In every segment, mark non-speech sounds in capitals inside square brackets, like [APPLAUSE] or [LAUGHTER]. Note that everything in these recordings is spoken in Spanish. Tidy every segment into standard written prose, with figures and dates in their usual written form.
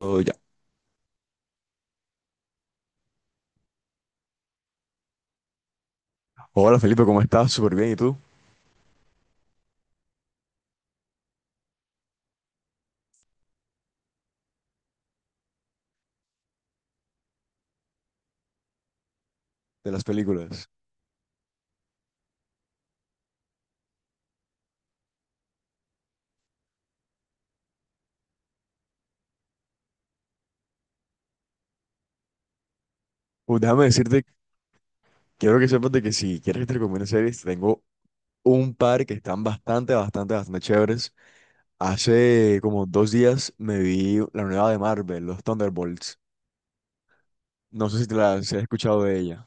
Oh, ya. Hola Felipe, ¿cómo estás? Súper bien. ¿Y tú? De las películas. Déjame decirte, quiero que sepas de que si quieres que te recomiende series, tengo un par que están bastante chéveres. Hace como dos días me vi la nueva de Marvel, los Thunderbolts. No sé si te la si has escuchado de ella.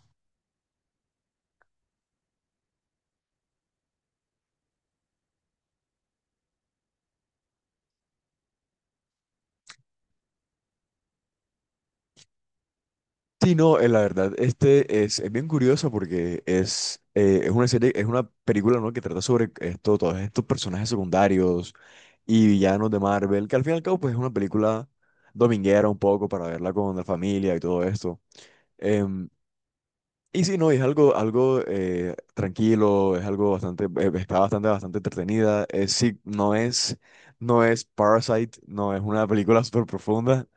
Sí, no, la verdad, este es bien curioso porque es una serie, es una película, ¿no? Que trata sobre esto, todos estos personajes secundarios y villanos de Marvel, que al fin y al cabo, pues es una película dominguera un poco para verla con la familia y todo esto. Em, y sí, no, es algo tranquilo, es algo está bastante, bastante entretenida. Sí, no es Parasite, no es una película [LAUGHS] súper profunda,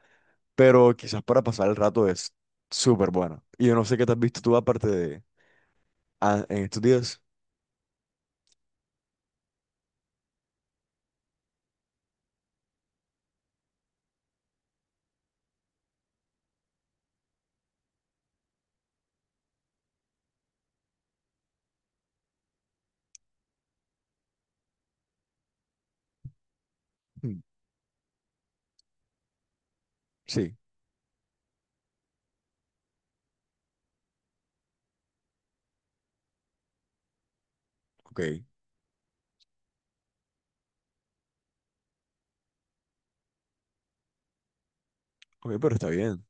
pero quizás para pasar el rato es súper bueno. Y yo no sé qué te has visto tú aparte de en estos días. Mm, sí, ok. Ok, pero está bien.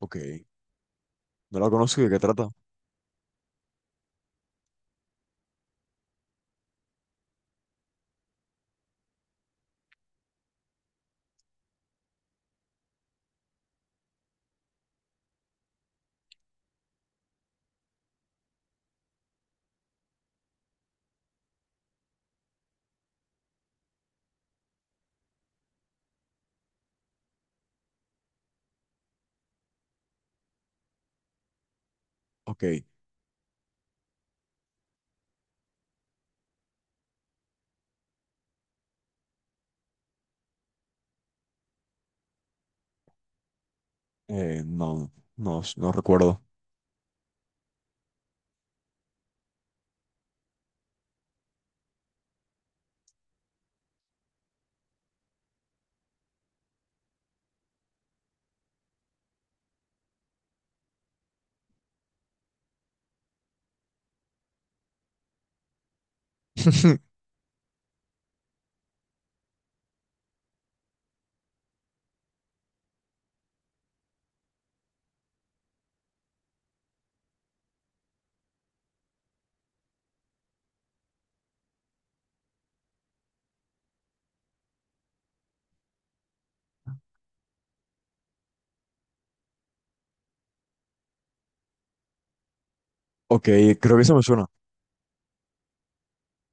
Ok. No la conozco, ¿de qué trata? Ok. No, no recuerdo. [LAUGHS] Ok, creo que eso me suena.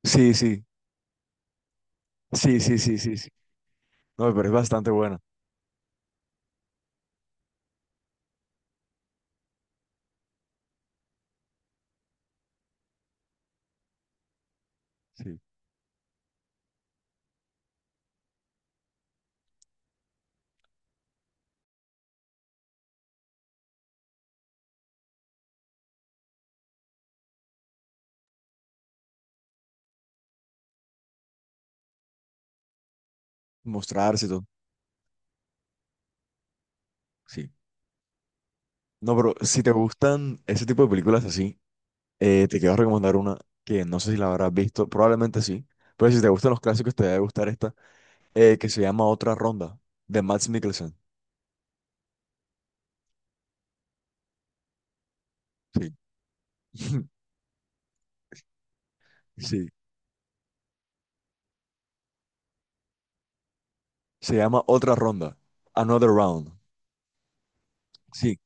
Sí, sí, sí, sí, sí, sí, sí. No, pero es bastante buena. Sí. Mostrarse y todo. Sí. No, pero si te gustan ese tipo de películas así, te quiero recomendar una que no sé si la habrás visto, probablemente sí. Pero si te gustan los clásicos, te debe gustar esta. Que se llama Otra Ronda, de Mads Mikkelsen. Sí. [LAUGHS] Sí. Se llama Otra Ronda, Another Round. Sí.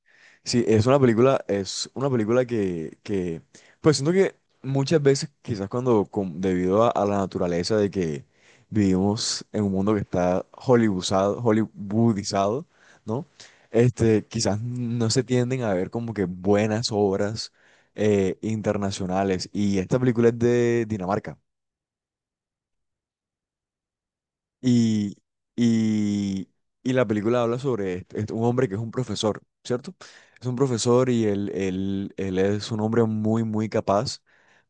Sí, es una película, que pues siento que muchas veces, quizás debido a la naturaleza de que vivimos en un mundo que está hollywoodizado, ¿no? Este, quizás no se tienden a ver como que buenas obras internacionales. Y esta película es de Dinamarca. Y, y, y la película habla sobre un hombre que es un profesor, ¿cierto? Es un profesor y él es un hombre muy capaz,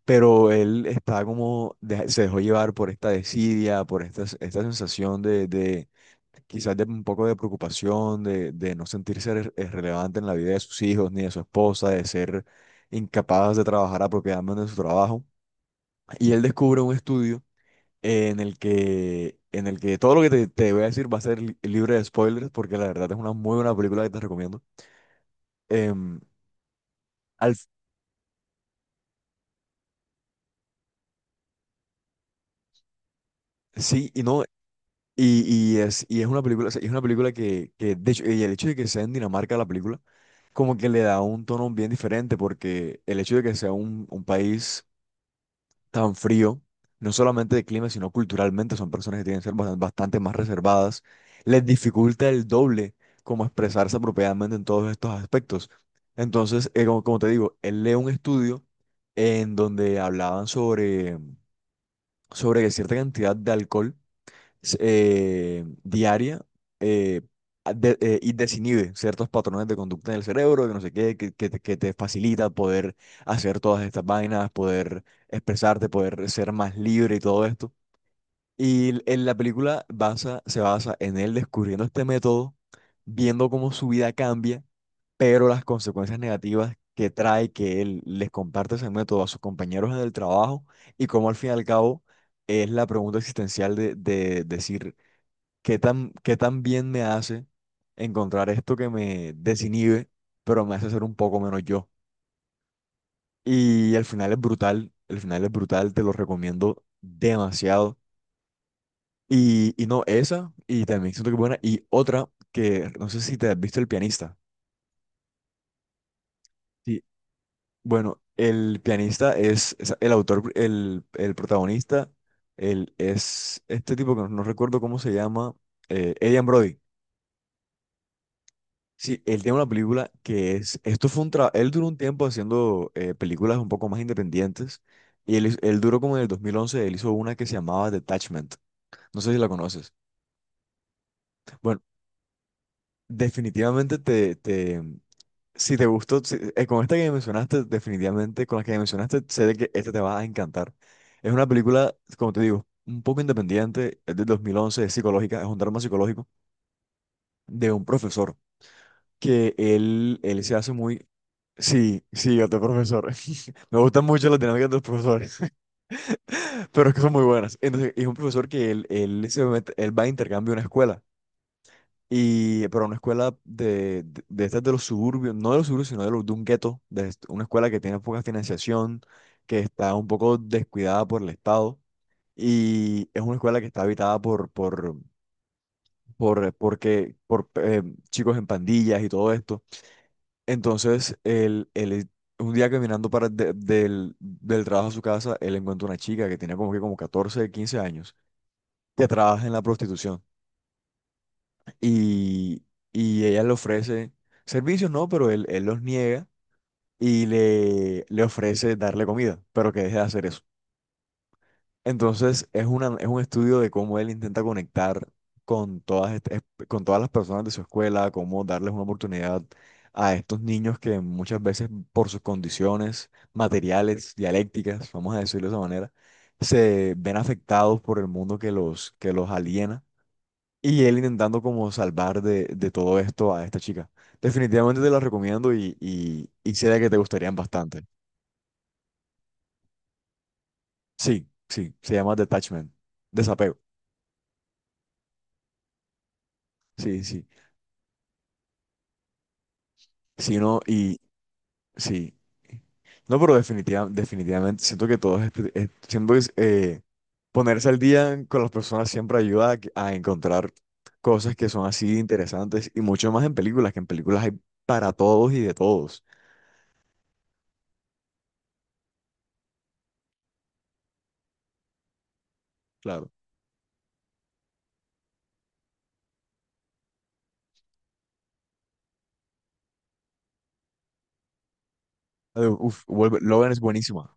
pero él está se dejó llevar por esta desidia, por esta sensación de quizás de un poco de preocupación, de no sentirse relevante en la vida de sus hijos ni de su esposa, de ser incapaz de trabajar apropiadamente en su trabajo. Y él descubre un estudio en el que todo lo que te voy a decir va a ser libre de spoilers, porque la verdad es una muy buena película que te recomiendo. Em, al, sí y no, y es una película, o sea, es una película de hecho, y el hecho de que sea en Dinamarca la película, como que le da un tono bien diferente, porque el hecho de que sea un país tan frío, no solamente de clima, sino culturalmente, son personas que tienen que ser bastante, más reservadas, les dificulta el doble como expresarse apropiadamente en todos estos aspectos. Entonces, como te digo, él lee un estudio en donde hablaban sobre cierta cantidad de alcohol diaria eh, y desinhibe ciertos patrones de conducta en el cerebro, que no sé qué, que te facilita poder hacer todas estas vainas, poder expresarte, poder ser más libre y todo esto. En la película se basa en él descubriendo este método, viendo cómo su vida cambia, pero las consecuencias negativas que trae que él les comparte ese método a sus compañeros en el trabajo y cómo al fin y al cabo es la pregunta existencial de decir, ¿qué tan, qué tan bien me hace encontrar esto que me desinhibe, pero me hace ser un poco menos yo? Y el final es brutal, el final es brutal, te lo recomiendo demasiado. Y no, esa, Y también siento que buena, y otra que no sé si te has visto El Pianista. Sí. Bueno, El Pianista es el autor, el protagonista, él es este tipo que no recuerdo cómo se llama, Adrien Brody. Sí, él tiene una película que es, esto fue un trabajo, él duró un tiempo haciendo películas un poco más independientes y él duró como en el 2011, él hizo una que se llamaba Detachment, no sé si la conoces. Bueno, definitivamente te, te si te gustó, si- con esta que me mencionaste, definitivamente con la que me mencionaste, sé de que esta te va a encantar. Es una película, como te digo, un poco independiente, es del 2011, es psicológica, es un drama psicológico de un profesor. Que él se hace muy... Sí, sí, otro profesor. [LAUGHS] Me gustan mucho las dinámicas de los profesores, [LAUGHS] pero es que son muy buenas. Entonces, es un profesor que se él va a intercambio a una escuela, y, pero una escuela de estas de los suburbios, no de los suburbios, sino de un gueto, de una escuela que tiene poca financiación, que está un poco descuidada por el Estado, y es una escuela que está habitada por chicos en pandillas y todo esto. Entonces, un día caminando para del trabajo a su casa, él encuentra una chica que tenía como que como 14 15 años, que trabaja en la prostitución. Y, y ella le ofrece servicios, no, pero él los niega y le ofrece darle comida, pero que deje de hacer eso. Entonces es un estudio de cómo él intenta conectar con con todas las personas de su escuela, cómo darles una oportunidad a estos niños que muchas veces por sus condiciones materiales, dialécticas, vamos a decirlo de esa manera, se ven afectados por el mundo que que los aliena. Y él intentando como salvar de todo esto a esta chica. Definitivamente te la recomiendo y sé de que te gustarían bastante. Sí, sí, se llama Detachment, desapego. Sí, sí. Sí, no, y sí. No, pero definitivamente siento que todo siento que es, ponerse al día con las personas siempre ayuda a, a encontrar cosas que son así interesantes y mucho más en películas, que en películas hay para todos y de todos. Claro. Uf, Logan es buenísima.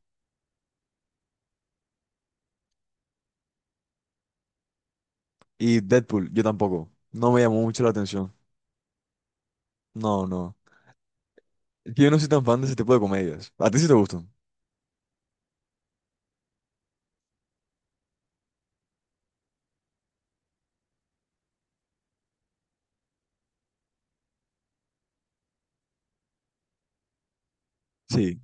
Y Deadpool, yo tampoco. No me llamó mucho la atención. No, no. Es que yo no soy tan fan de ese tipo de comedias. ¿A ti sí te gustan? Sí,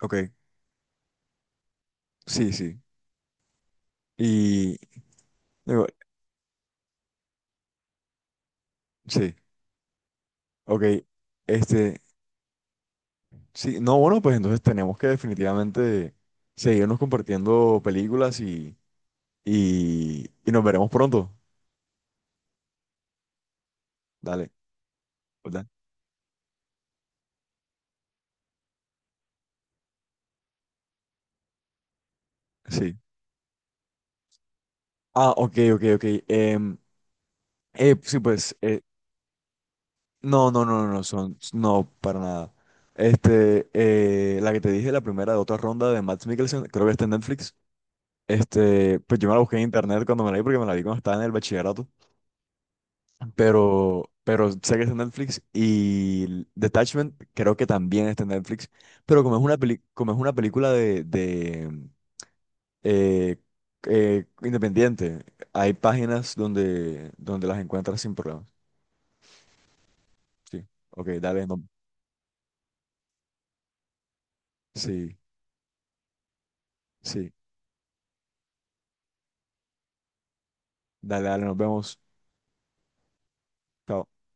ok. Sí, sí. Y digo, sí. Ok, este, sí, no, bueno, pues entonces tenemos que definitivamente seguirnos compartiendo películas y nos veremos pronto. Dale, ¿verdad? Sí. Ah, ok, ok, ok. Sí, pues, no, no, no, no, no, para nada. Este, la que te dije, la primera de otra ronda de Mads Mikkelsen, creo que está en Netflix. Este, pues yo me la busqué en internet cuando me la vi porque me la vi cuando estaba en el bachillerato. Pero sé que está en Netflix y Detachment creo que también está en Netflix, pero como como es una película eh, independiente, hay páginas donde las encuentras sin problemas. Sí, ok, dale, no, sí, sí, dale, dale, nos vemos. Chao.